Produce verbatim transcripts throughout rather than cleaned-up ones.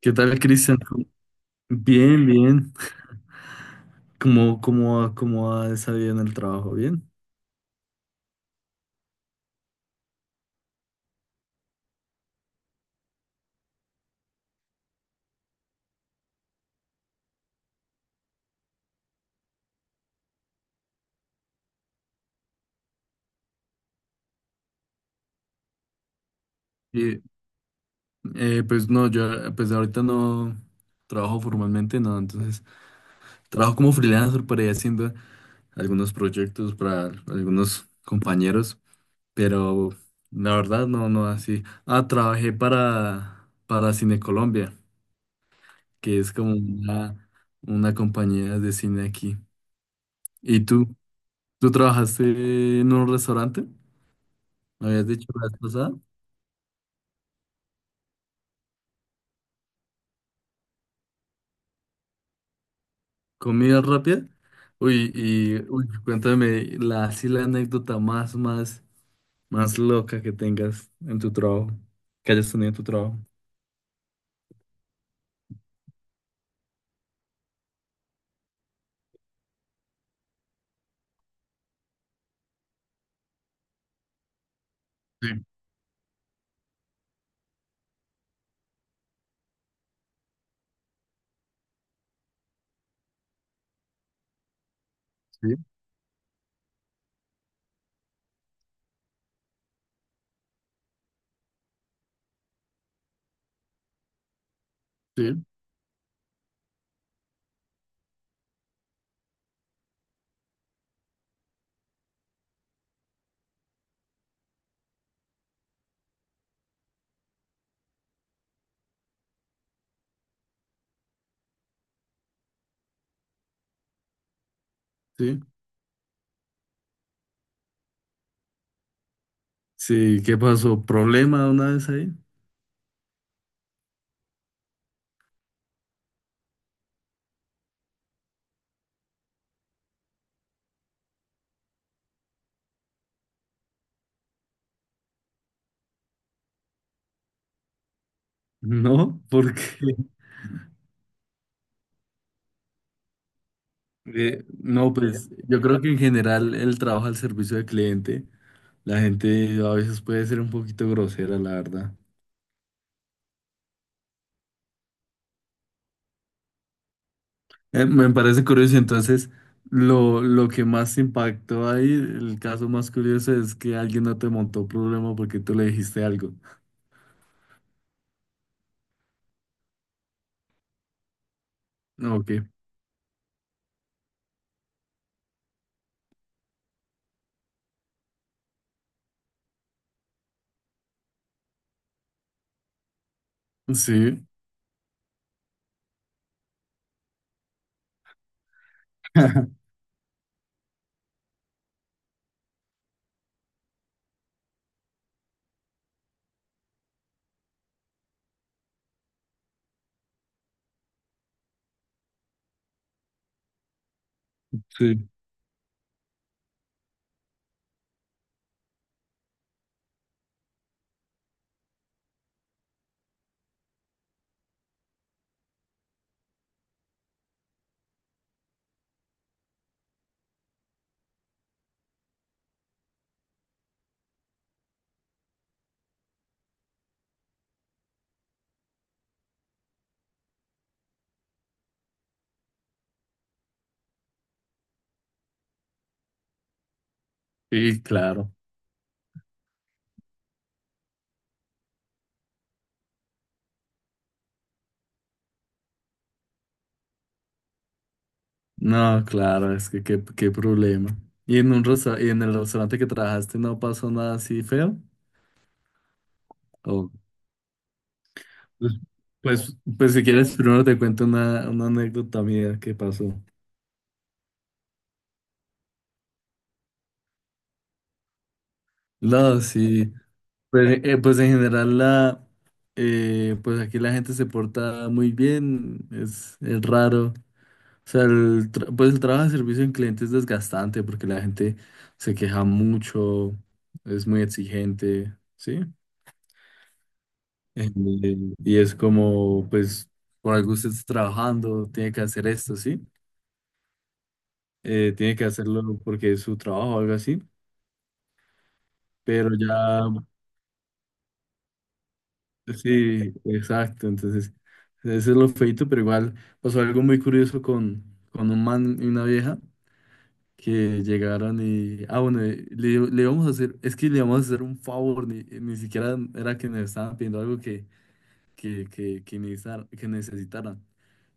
¿Qué tal, Cristian? ¿Cómo- Bien, bien. ¿Cómo, cómo, ha- ¿cómo ha salido en el trabajo? ¿Bien? Sí, eh, pues no, yo eh, pues ahorita no trabajo formalmente, no, entonces trabajo como freelancer por ahí haciendo algunos proyectos para algunos compañeros, pero la verdad no, no así. Ah, trabajé para, para Cine Colombia, que es como una, una compañía de cine aquí. ¿Y tú? ¿Tú trabajaste en un restaurante? ¿Me habías dicho la vez pasada? ¿Comida rápida? Uy, y uy, cuéntame la, así la anécdota más, más, más loca que tengas en tu trabajo, que hayas tenido en tu trabajo. Sí, sí, sí, sí. Sí, ¿qué pasó? ¿Problema una vez ahí? No, porque eh, no, pues yo creo que en general el trabajo al servicio del cliente, la gente a veces puede ser un poquito grosera, la verdad. Eh, me parece curioso, entonces lo, lo que más impactó ahí, el caso más curioso es que alguien no te montó problema porque tú le dijiste algo. Ok, sí, sí, y claro, no, claro, es que qué, qué problema. ¿Y en un resta- y en el restaurante que trabajaste no pasó nada así feo? O- pues, pues, pues si quieres, primero te cuento una, una anécdota mía que pasó. No, sí. Pues, eh, pues en general la eh, pues aquí la gente se porta muy bien, es, es raro. O sea, el tra- pues el trabajo de servicio en cliente es desgastante porque la gente se queja mucho, es muy exigente, ¿sí? Eh, y es como, pues, por algo usted está trabajando, tiene que hacer esto, ¿sí? Eh, tiene que hacerlo porque es su trabajo o algo así. Pero ya sí, exacto. Entonces, ese es lo feito, pero igual pasó algo muy curioso con, con un man y una vieja que llegaron y. Ah, bueno, eh, le, le íbamos a hacer. Es que le íbamos a hacer un favor, ni, ni siquiera era que nos estaban pidiendo algo que, que, que, que, necesitar- que necesitaran.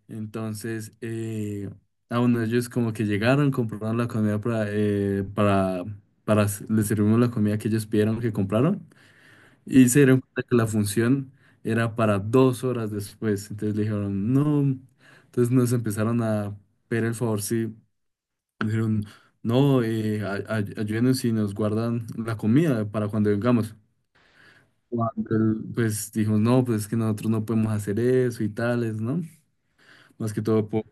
Entonces, eh, ah, bueno, ellos como que llegaron, compraron la comida para, eh, para, para. S- les servimos la comida que ellos pidieron que compraron. Y se dieron cuenta que la función era para dos horas después. Entonces le dijeron, no. Entonces nos empezaron a pedir el favor, sí. Dijeron, no, eh, ay- ay- ayúdenos y nos guardan la comida para cuando vengamos. Cuando él, pues dijo, no, pues es que nosotros no podemos hacer eso y tales, ¿no? Más que todo por,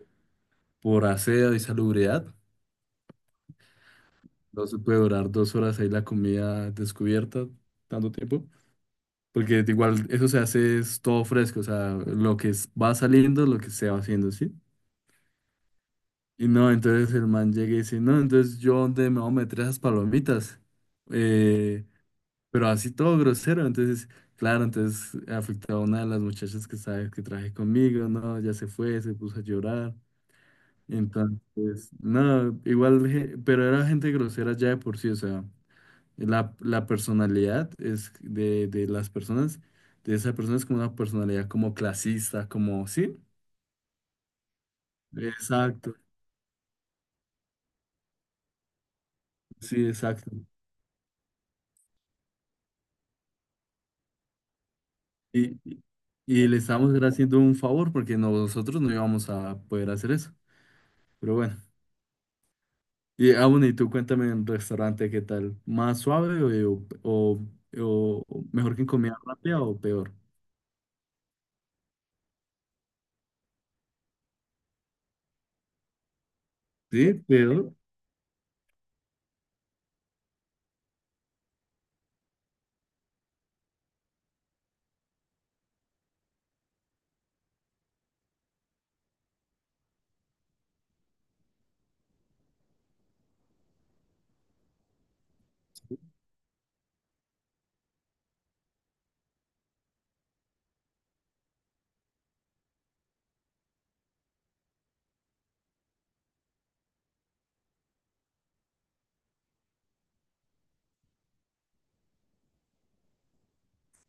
por aseo y salubridad. No se puede durar dos horas ahí la comida descubierta, tanto tiempo. Porque igual eso se hace es todo fresco, o sea, lo que es- va saliendo, lo que se va haciendo, ¿sí? Y no, entonces el man llega y dice, no, entonces yo dónde me voy a meter esas palomitas. Eh, pero así todo grosero, entonces, claro, entonces afectó a una de las muchachas que sabes que traje conmigo, no, ya se fue, se puso a llorar. Entonces, no, igual, je- pero era gente grosera ya de por sí, o sea. La, la personalidad es de, de las personas, de esa persona es como una personalidad como clasista, como, ¿sí? Exacto, sí, exacto. Y, y y le estamos haciendo un favor porque no- nosotros no íbamos a poder hacer eso. Pero bueno. Y aún y tú cuéntame en restaurante, ¿qué tal? ¿Más suave o, o, o- o mejor que en comida rápida o peor? Sí, peor.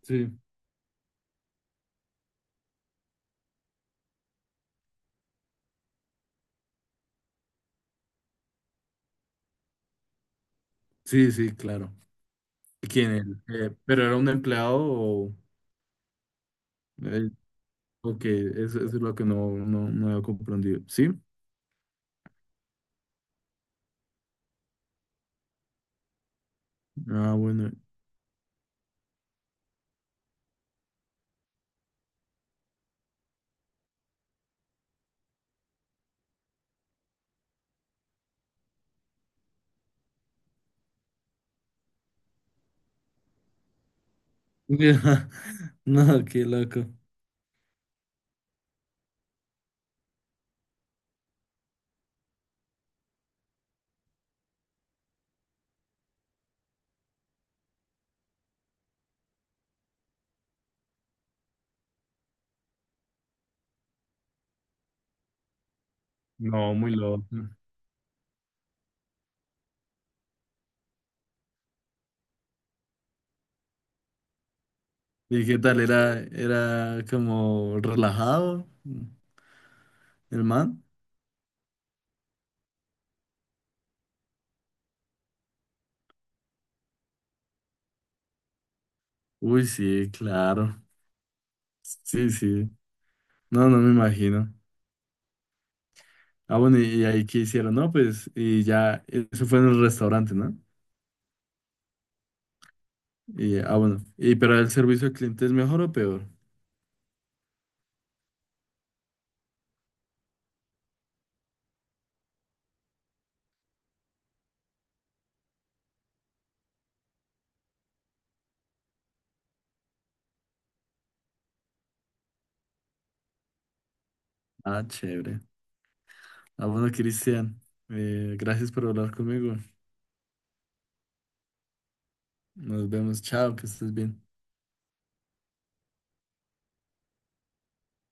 Sí, sí, sí, claro. ¿Quién? El, eh, ¿pero era un empleado o...? Ok, eso, eso es lo que no, no, no había comprendido. ¿Sí? Ah, bueno. No, qué loco. No, muy loco. ¿Y qué tal? ¿Era, era como relajado el man? Uy, sí, claro. Sí, sí. No, no me imagino. Ah, bueno, ¿y y ahí qué hicieron? No, pues, y ya, eso fue en el restaurante, ¿no? Y, ah, bueno. ¿Y pero el servicio al cliente es mejor o peor? Ah, chévere. Ah, bueno, Cristian, eh, gracias por hablar conmigo. Nos vemos, chao, que estés bien.